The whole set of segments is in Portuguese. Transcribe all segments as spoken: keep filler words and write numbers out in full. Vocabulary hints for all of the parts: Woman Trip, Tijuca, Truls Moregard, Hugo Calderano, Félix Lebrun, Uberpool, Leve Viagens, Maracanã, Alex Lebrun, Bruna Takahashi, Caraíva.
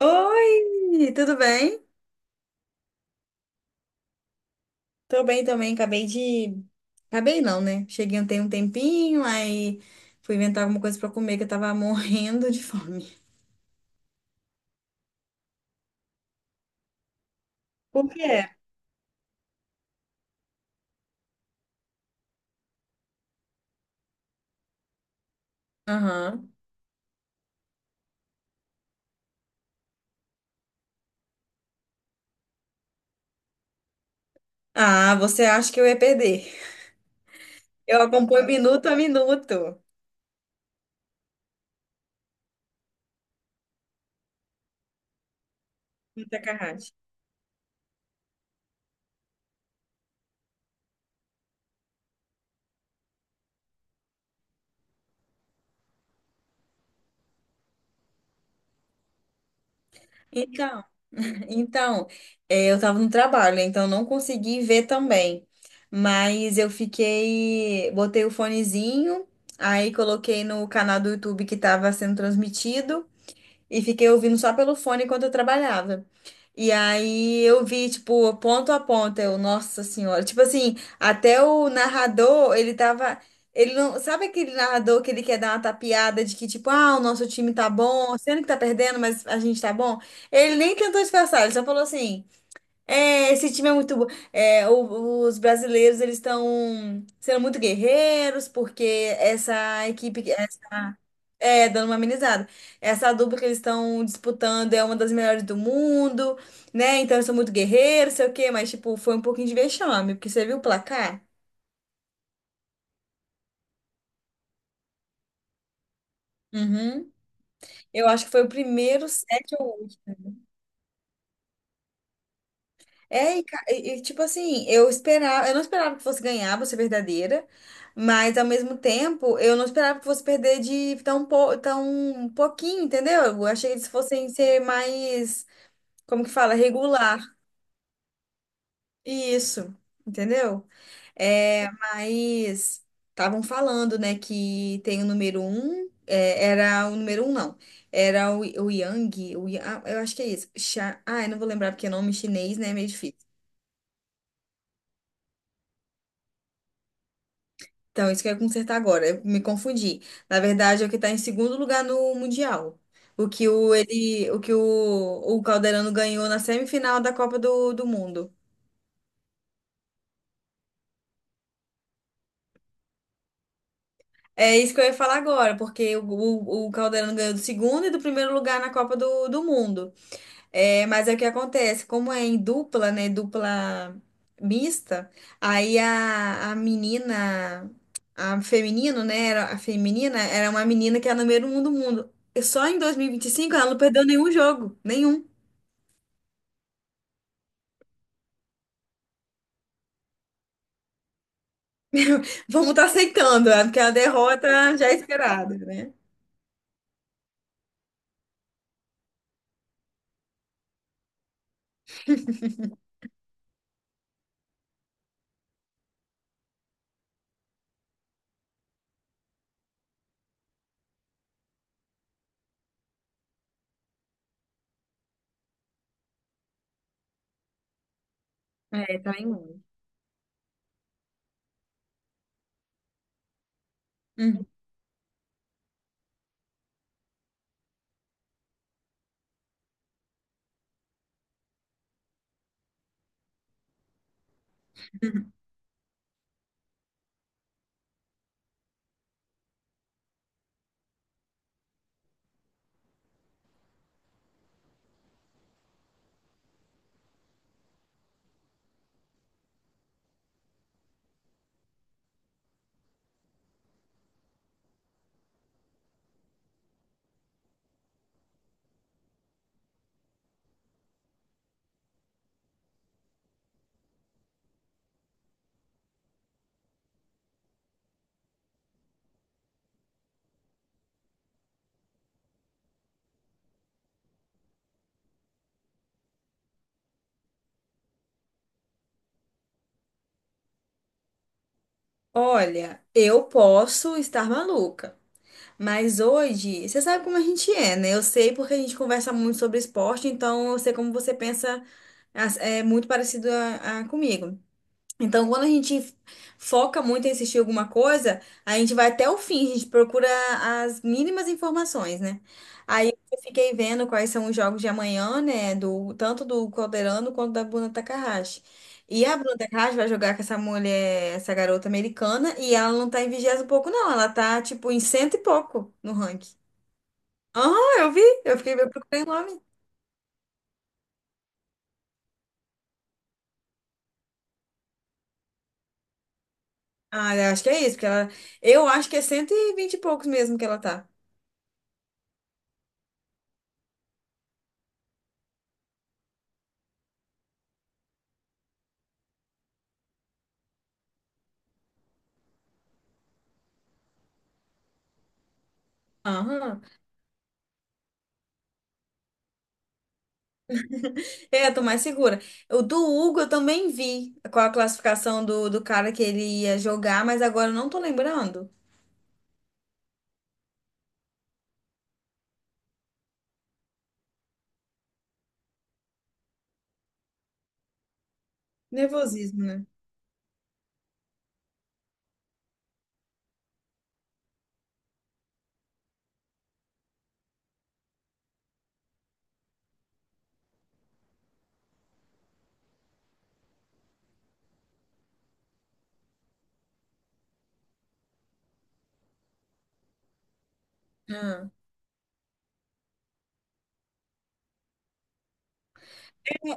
Oi, tudo bem? Tô bem também, acabei de... Acabei não, né? Cheguei ontem um tempinho, aí fui inventar alguma coisa pra comer que eu tava morrendo de fome. Por quê? Aham. Ah, você acha que eu ia perder? Eu acompanho minuto a minuto. No Takahashi. Então, então, é, eu tava no trabalho, né? Então eu não consegui ver também. Mas eu fiquei, botei o fonezinho, aí coloquei no canal do YouTube que tava sendo transmitido. E fiquei ouvindo só pelo fone enquanto eu trabalhava. E aí eu vi, tipo, ponto a ponto, eu, nossa senhora. Tipo assim, até o narrador, ele tava. Ele não. Sabe aquele narrador que ele quer dar uma tapeada de que, tipo, ah, o nosso time tá bom, sendo que tá perdendo, mas a gente tá bom? Ele nem tentou disfarçar, ele só falou assim: é, esse time é muito bom. É, o- os brasileiros, eles estão sendo muito guerreiros, porque essa equipe. É, dando uma amenizada. Essa dupla que eles estão disputando é uma das melhores do mundo, né? Então eu sou muito guerreiro, sei o quê, mas, tipo, foi um pouquinho de vexame, porque você viu o placar? Uhum. Eu acho que foi o primeiro set ou oito. É, e, ca- e- e, tipo assim, eu esperava, eu não esperava que fosse ganhar, vou ser verdadeira, mas ao mesmo tempo, eu não esperava que fosse perder de tão, pou- tão pouquinho, entendeu? Eu achei que eles fossem ser mais, como que fala, regular. Isso, entendeu? É, mas estavam falando, né, que tem o número um, é, era o número um, não. Era o, o Yang, o, Ya- ah, eu acho que é isso. Cha- ah, eu não vou lembrar porque é nome chinês, né? É meio difícil. Então, isso que eu ia consertar agora. Eu me confundi. Na verdade, é o que está em segundo lugar no Mundial. O que o, ele, o, que o, o Calderano ganhou na semifinal da Copa do, do Mundo. É isso que eu ia falar agora, porque o, o, o Calderano ganhou do segundo e do primeiro lugar na Copa do, do Mundo. É, mas é o que acontece, como é em dupla, né, dupla mista, aí a, a menina, a feminino, né, era, a feminina era uma menina que era número um do mundo. E só em dois mil e e vinte e cinco ela não perdeu nenhum jogo, nenhum. Vamos estar aceitando, né, porque a derrota já é esperada, né? É, tá em um. Hum. Olha, eu posso estar maluca. Mas hoje, você sabe como a gente é, né? Eu sei porque a gente conversa muito sobre esporte, então eu sei como você pensa as- é muito parecido a, a comigo. Então, quando a gente foca muito em assistir alguma coisa, a gente vai até o fim, a gente procura as mínimas informações, né? Aí eu fiquei vendo quais são os jogos de amanhã, né? Do, tanto do Calderano quanto da Bruna Takahashi. E a Bruna Takahashi vai jogar com essa mulher, essa garota americana, e ela não tá em vigésimo e pouco, não. Ela tá, tipo, em cento e pouco no ranking. Aham, eu vi. Eu fiquei, eu procurei o nome. Ah, eu acho que é isso, porque ela. Eu acho que é cento e vinte e poucos mesmo que ela tá. Aham. É, eu tô mais segura. O do Hugo eu também vi qual a classificação do, do cara que ele ia jogar, mas agora eu não tô lembrando. Nervosismo, né? Ah.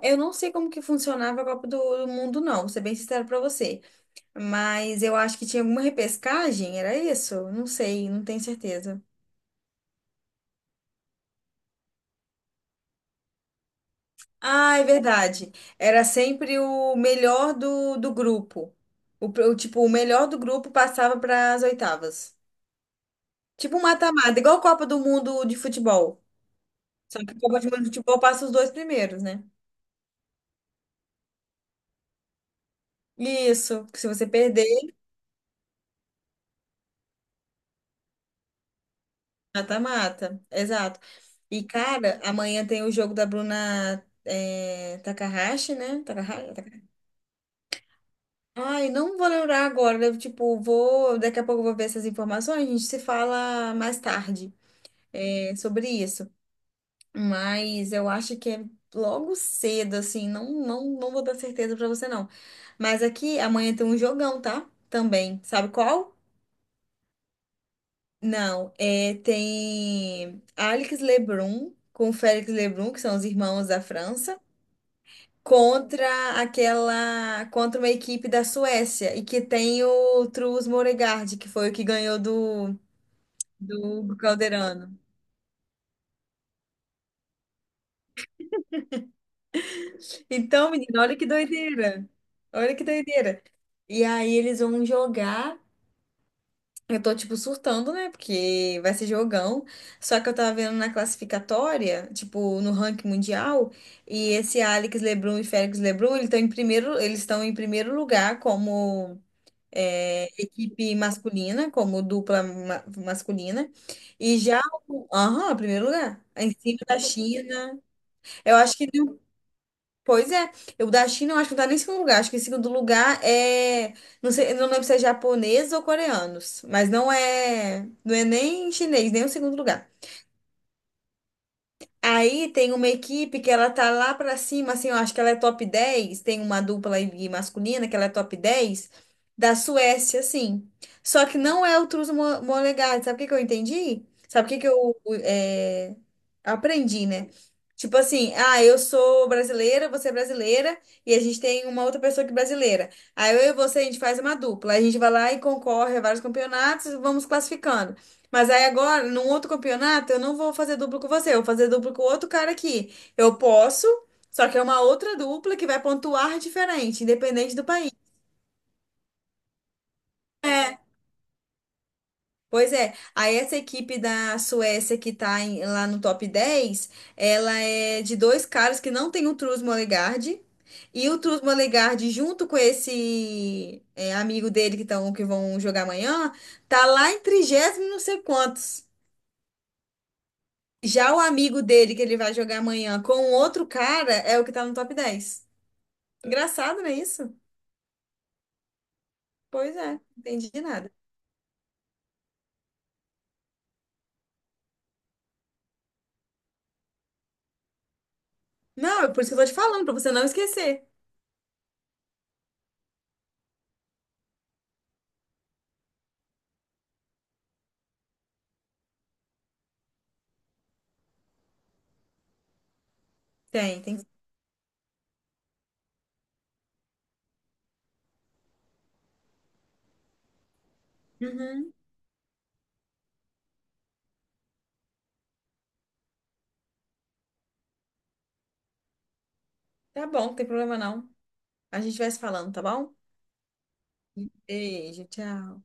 É, eu não sei como que funcionava a Copa do do Mundo, não, vou ser bem sincero pra você. Mas eu acho que tinha alguma repescagem, era isso? Não sei, não tenho certeza. Ah, é verdade. Era sempre o melhor do, do grupo. O, pr- o, tipo, o melhor do grupo passava para as oitavas. Tipo um mata-mata, igual a Copa do Mundo de futebol. Só que Copa de Mundo de Futebol passa os dois primeiros, né? Isso, que se você perder, mata-mata. Exato. E, cara, amanhã tem o jogo da Bruna é, Takahashi, né? Takahashi, Takahashi. Ai, não vou lembrar agora. Eu, tipo, vou. Daqui a pouco eu vou ver essas informações. A gente se fala mais tarde é, sobre isso. Mas eu acho que é logo cedo, assim. Não, não, não vou dar certeza pra você, não. Mas aqui amanhã tem um jogão, tá? Também. Sabe qual? Não, é, tem Alex Lebrun com Félix Lebrun, que são os irmãos da França, contra aquela, contra uma equipe da Suécia e que tem o Truls Moregard, que foi o que ganhou do do Hugo Calderano. Então, menina, olha que doideira. Olha que doideira. E aí eles vão jogar. Eu tô, tipo, surtando, né? Porque vai ser jogão. Só que eu tava vendo na classificatória, tipo, no ranking mundial, e esse Alex LeBron e Félix LeBron, eles estão em primeiro, eles estão em primeiro lugar como é, equipe masculina, como dupla ma- masculina. E já o. Aham, primeiro lugar. Em cima da China. Eu acho que. Pois é, eu da China eu acho que não tá nem em segundo lugar. Acho que em segundo lugar é. Não sei, eu não lembro se é japonês ou coreanos. Mas não é. Não é nem chinês, nem o segundo lugar. Aí tem uma equipe que ela tá lá pra cima, assim, eu acho que ela é top dez. Tem uma dupla aí masculina que ela é top dez da Suécia, assim. Só que não é o Truls Mo- Molegard, sabe o que que eu entendi? Sabe o que que eu eh, aprendi, né? Tipo assim, ah, eu sou brasileira, você é brasileira, e a gente tem uma outra pessoa que é brasileira. Aí eu e você, a gente faz uma dupla, a gente vai lá e concorre a vários campeonatos, e vamos classificando. Mas aí agora, num outro campeonato, eu não vou fazer duplo com você, eu vou fazer duplo com outro cara aqui. Eu posso, só que é uma outra dupla que vai pontuar diferente, independente do país. É, pois é. Aí essa equipe da Suécia que tá em- lá no top dez, ela é de dois caras que não tem o Truls Mollegard. E o Truls Mollegard, junto com esse é, amigo dele que, tão, que vão jogar amanhã, tá lá em trigésimo não sei quantos. Já o amigo dele que ele vai jogar amanhã com um outro cara é o que tá no top dez. Engraçado, não é isso? Pois é, não entendi nada. Não, é por isso que eu tô te falando, pra você não esquecer. Tem, tem. Uhum. Tá bom, não tem problema não. A gente vai se falando, tá bom? Beijo, tchau.